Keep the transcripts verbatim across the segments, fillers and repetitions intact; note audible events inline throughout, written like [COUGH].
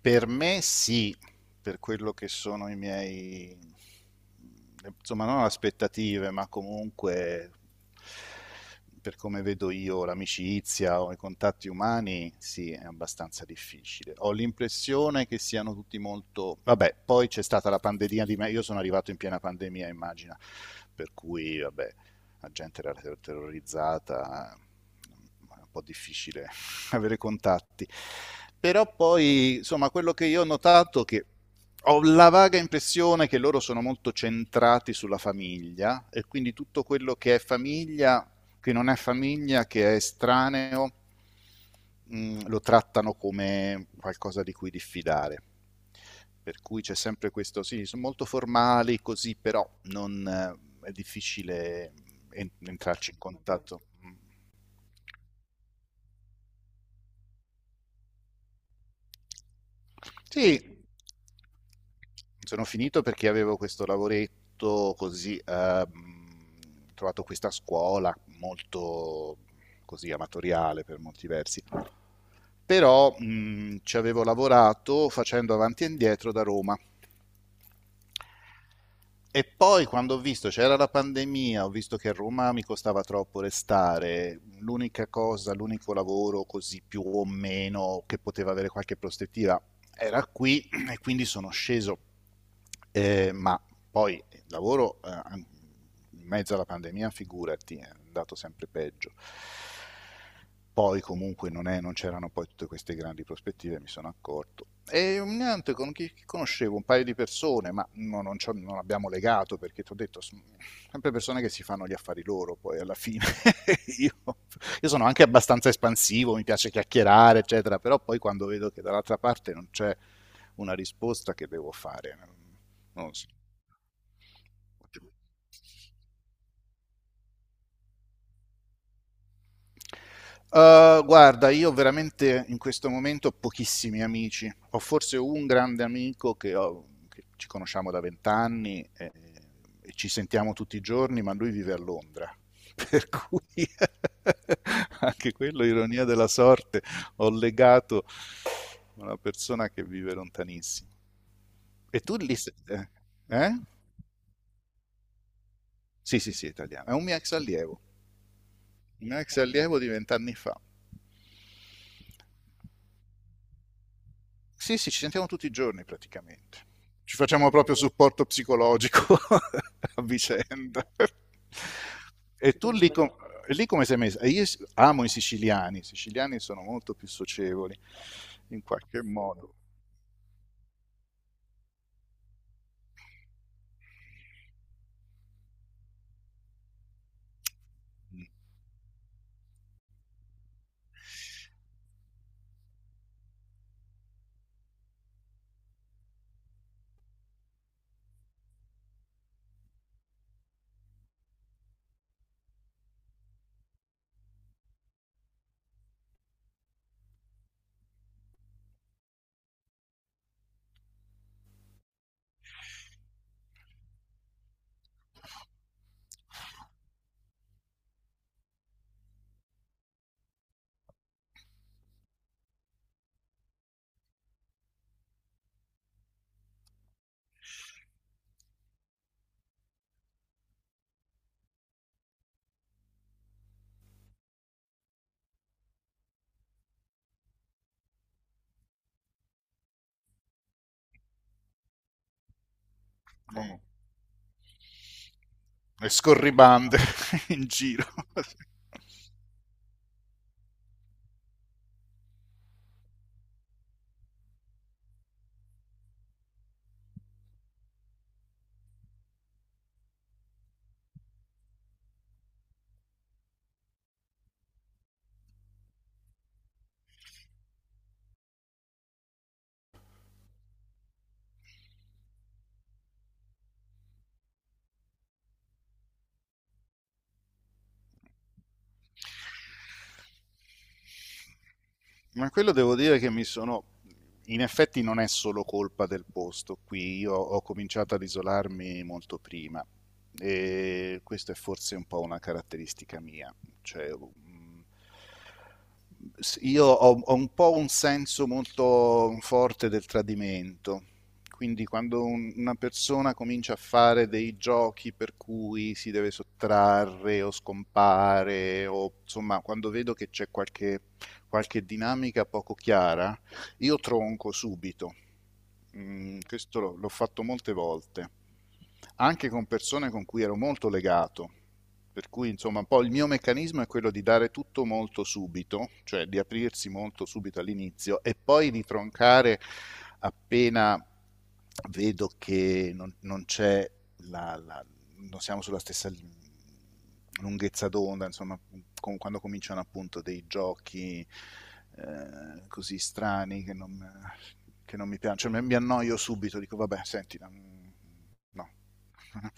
Per me sì, per quello che sono i miei, insomma, non aspettative, ma comunque per come vedo io l'amicizia o i contatti umani, sì, è abbastanza difficile. Ho l'impressione che siano tutti molto... Vabbè, poi c'è stata la pandemia di me, io sono arrivato in piena pandemia, immagina, per cui, vabbè, la gente era ter- terrorizzata, è un po' difficile avere contatti. Però poi, insomma, quello che io ho notato è che ho la vaga impressione che loro sono molto centrati sulla famiglia e quindi tutto quello che è famiglia, che non è famiglia, che è estraneo, mh, lo trattano come qualcosa di cui diffidare. Per cui c'è sempre questo, sì, sono molto formali così, però non, eh, è difficile en- entrarci in contatto. Mm. Sì, sono finito perché avevo questo lavoretto così, ehm, ho trovato questa scuola molto così amatoriale per molti versi, però mh, ci avevo lavorato facendo avanti e indietro da Roma. E poi quando ho visto c'era la pandemia, ho visto che a Roma mi costava troppo restare, l'unica cosa, l'unico lavoro così più o meno che poteva avere qualche prospettiva era qui e quindi sono sceso. Eh, ma poi il lavoro eh, an- in mezzo alla pandemia, figurati, è andato sempre peggio. Poi comunque non, è- non c'erano poi tutte queste grandi prospettive, mi sono accorto. E mm, niente, con chi chi conoscevo un paio di persone, ma no- non, c'ho- non abbiamo legato perché ti ho detto, s- sempre persone che si fanno gli affari loro poi alla fine. [LAUGHS] io, io sono anche abbastanza espansivo, mi piace chiacchierare, eccetera, però poi quando vedo che dall'altra parte non c'è una risposta che devo fare, non lo so. Uhm, guarda, io veramente in questo momento ho pochissimi amici. Ho forse un grande amico che, ho- che ci conosciamo da vent'anni e, e ci sentiamo tutti i giorni, ma lui vive a Londra. [LAUGHS] Per cui [LAUGHS] anche quello, ironia della sorte, ho legato una persona che vive lontanissimo. E tu lì... se- Eh? Eh? Sì, sì, sì, italiano. È un mio ex allievo, un mio ex allievo di vent'anni fa. Sì, sì, ci sentiamo tutti i giorni praticamente. Ci facciamo proprio supporto psicologico [LAUGHS] a vicenda. E tu lì, com- lì come sei messa? Io s- amo i siciliani, i siciliani sono molto più socievoli in qualche modo. Mm. E scorribande [LAUGHS] in giro. Ma quello devo dire che mi sono... In effetti non è solo colpa del posto qui, io ho cominciato ad isolarmi molto prima e questa è forse un po' una caratteristica mia, cioè mm, s- io ho, ho un po' un senso molto forte del tradimento, quindi quando un- una persona comincia a fare dei giochi per cui si deve sottrarre o scompare o insomma quando vedo che c'è qualche qualche dinamica poco chiara, io tronco subito. Mm, questo l'ho, l'ho fatto molte volte, anche con persone con cui ero molto legato. Per cui, insomma, un po' il mio meccanismo è quello di dare tutto molto subito, cioè di aprirsi molto subito all'inizio e poi di troncare appena vedo che non, non c'è la, la- non siamo sulla stessa lunghezza d'onda, insomma, com- quando cominciano appunto dei giochi eh, così strani che non, che non mi piacciono, cioè, mi, mi annoio subito, dico vabbè, senti, mm, no. [LAUGHS]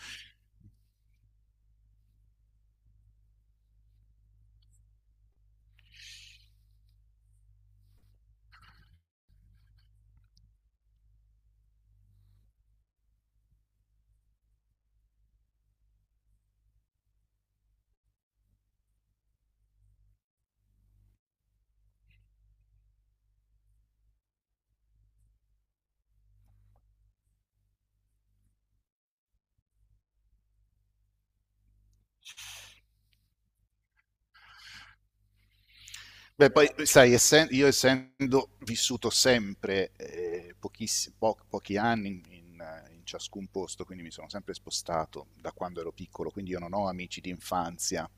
Beh, poi sai, essen- io essendo vissuto sempre eh, pochiss- po- pochi anni in, in- in ciascun posto, quindi mi sono sempre spostato da quando ero piccolo, quindi io non ho amici di infanzia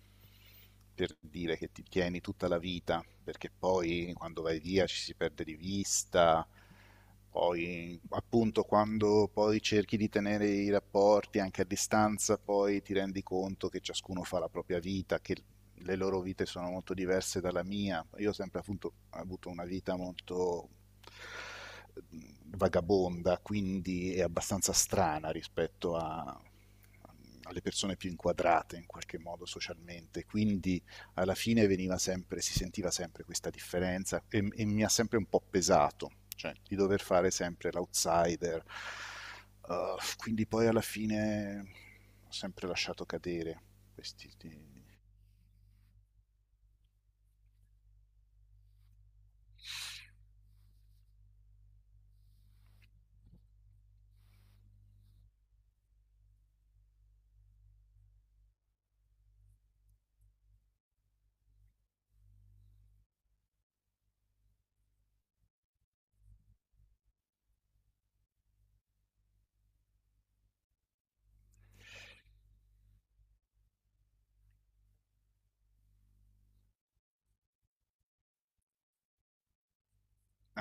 per dire che ti tieni tutta la vita, perché poi quando vai via ci si perde di vista, poi appunto quando poi cerchi di tenere i rapporti anche a distanza, poi ti rendi conto che ciascuno fa la propria vita, che le loro vite sono molto diverse dalla mia. Io ho sempre appunto, avuto una vita molto mm, vagabonda, quindi è abbastanza strana rispetto a, alle persone più inquadrate in qualche modo socialmente, quindi alla fine veniva sempre, si sentiva sempre questa differenza e, e mi ha sempre un po' pesato, cioè di dover fare sempre l'outsider, uh, quindi poi alla fine ho sempre lasciato cadere questi, di,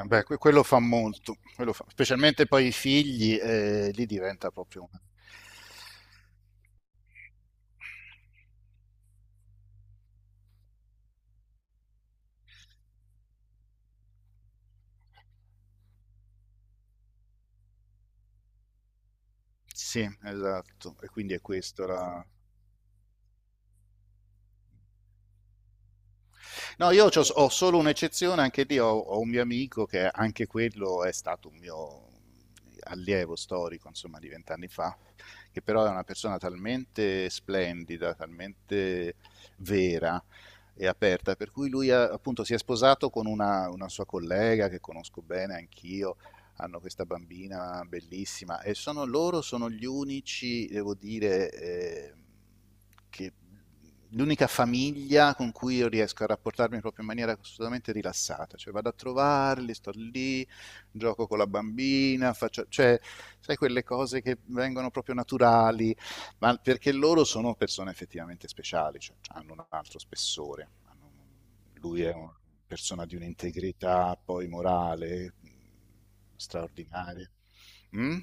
Eh beh, que- quello fa molto, quello fa- specialmente poi i figli, eh, lì diventa proprio una... Sì, esatto, e quindi è questo la... No, io c'ho- ho, solo un'eccezione, anche lì ho, ho un mio amico che anche quello è stato un mio allievo storico, insomma, di vent'anni fa, che però è una persona talmente splendida, talmente vera e aperta, per cui lui ha- appunto si è sposato con una, una sua collega che conosco bene anch'io, hanno questa bambina bellissima e sono loro sono gli unici, devo dire, eh, che l'unica famiglia con cui io riesco a rapportarmi proprio in maniera assolutamente rilassata, cioè vado a trovarli, sto lì, gioco con la bambina, faccio, cioè, sai quelle cose che vengono proprio naturali, ma perché loro sono persone effettivamente speciali, cioè, hanno un altro spessore. hanno un- Lui è una persona di un'integrità poi morale mh, straordinaria. Mm?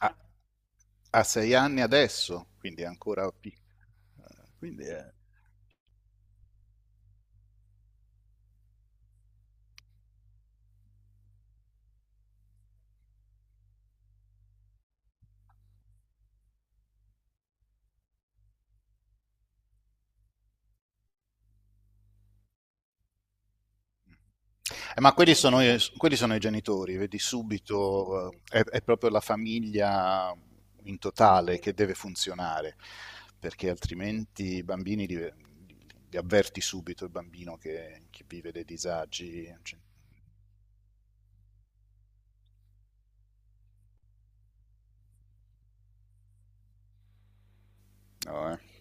A, a sei anni adesso, quindi è ancora piccolo. Quindi è... Eh, ma quelli sono, i- quelli sono i genitori, vedi subito, eh, è, è proprio la famiglia in totale che deve funzionare, perché altrimenti i bambini li, li avverti subito il bambino che, che vive dei disagi. Cioè, no, eh.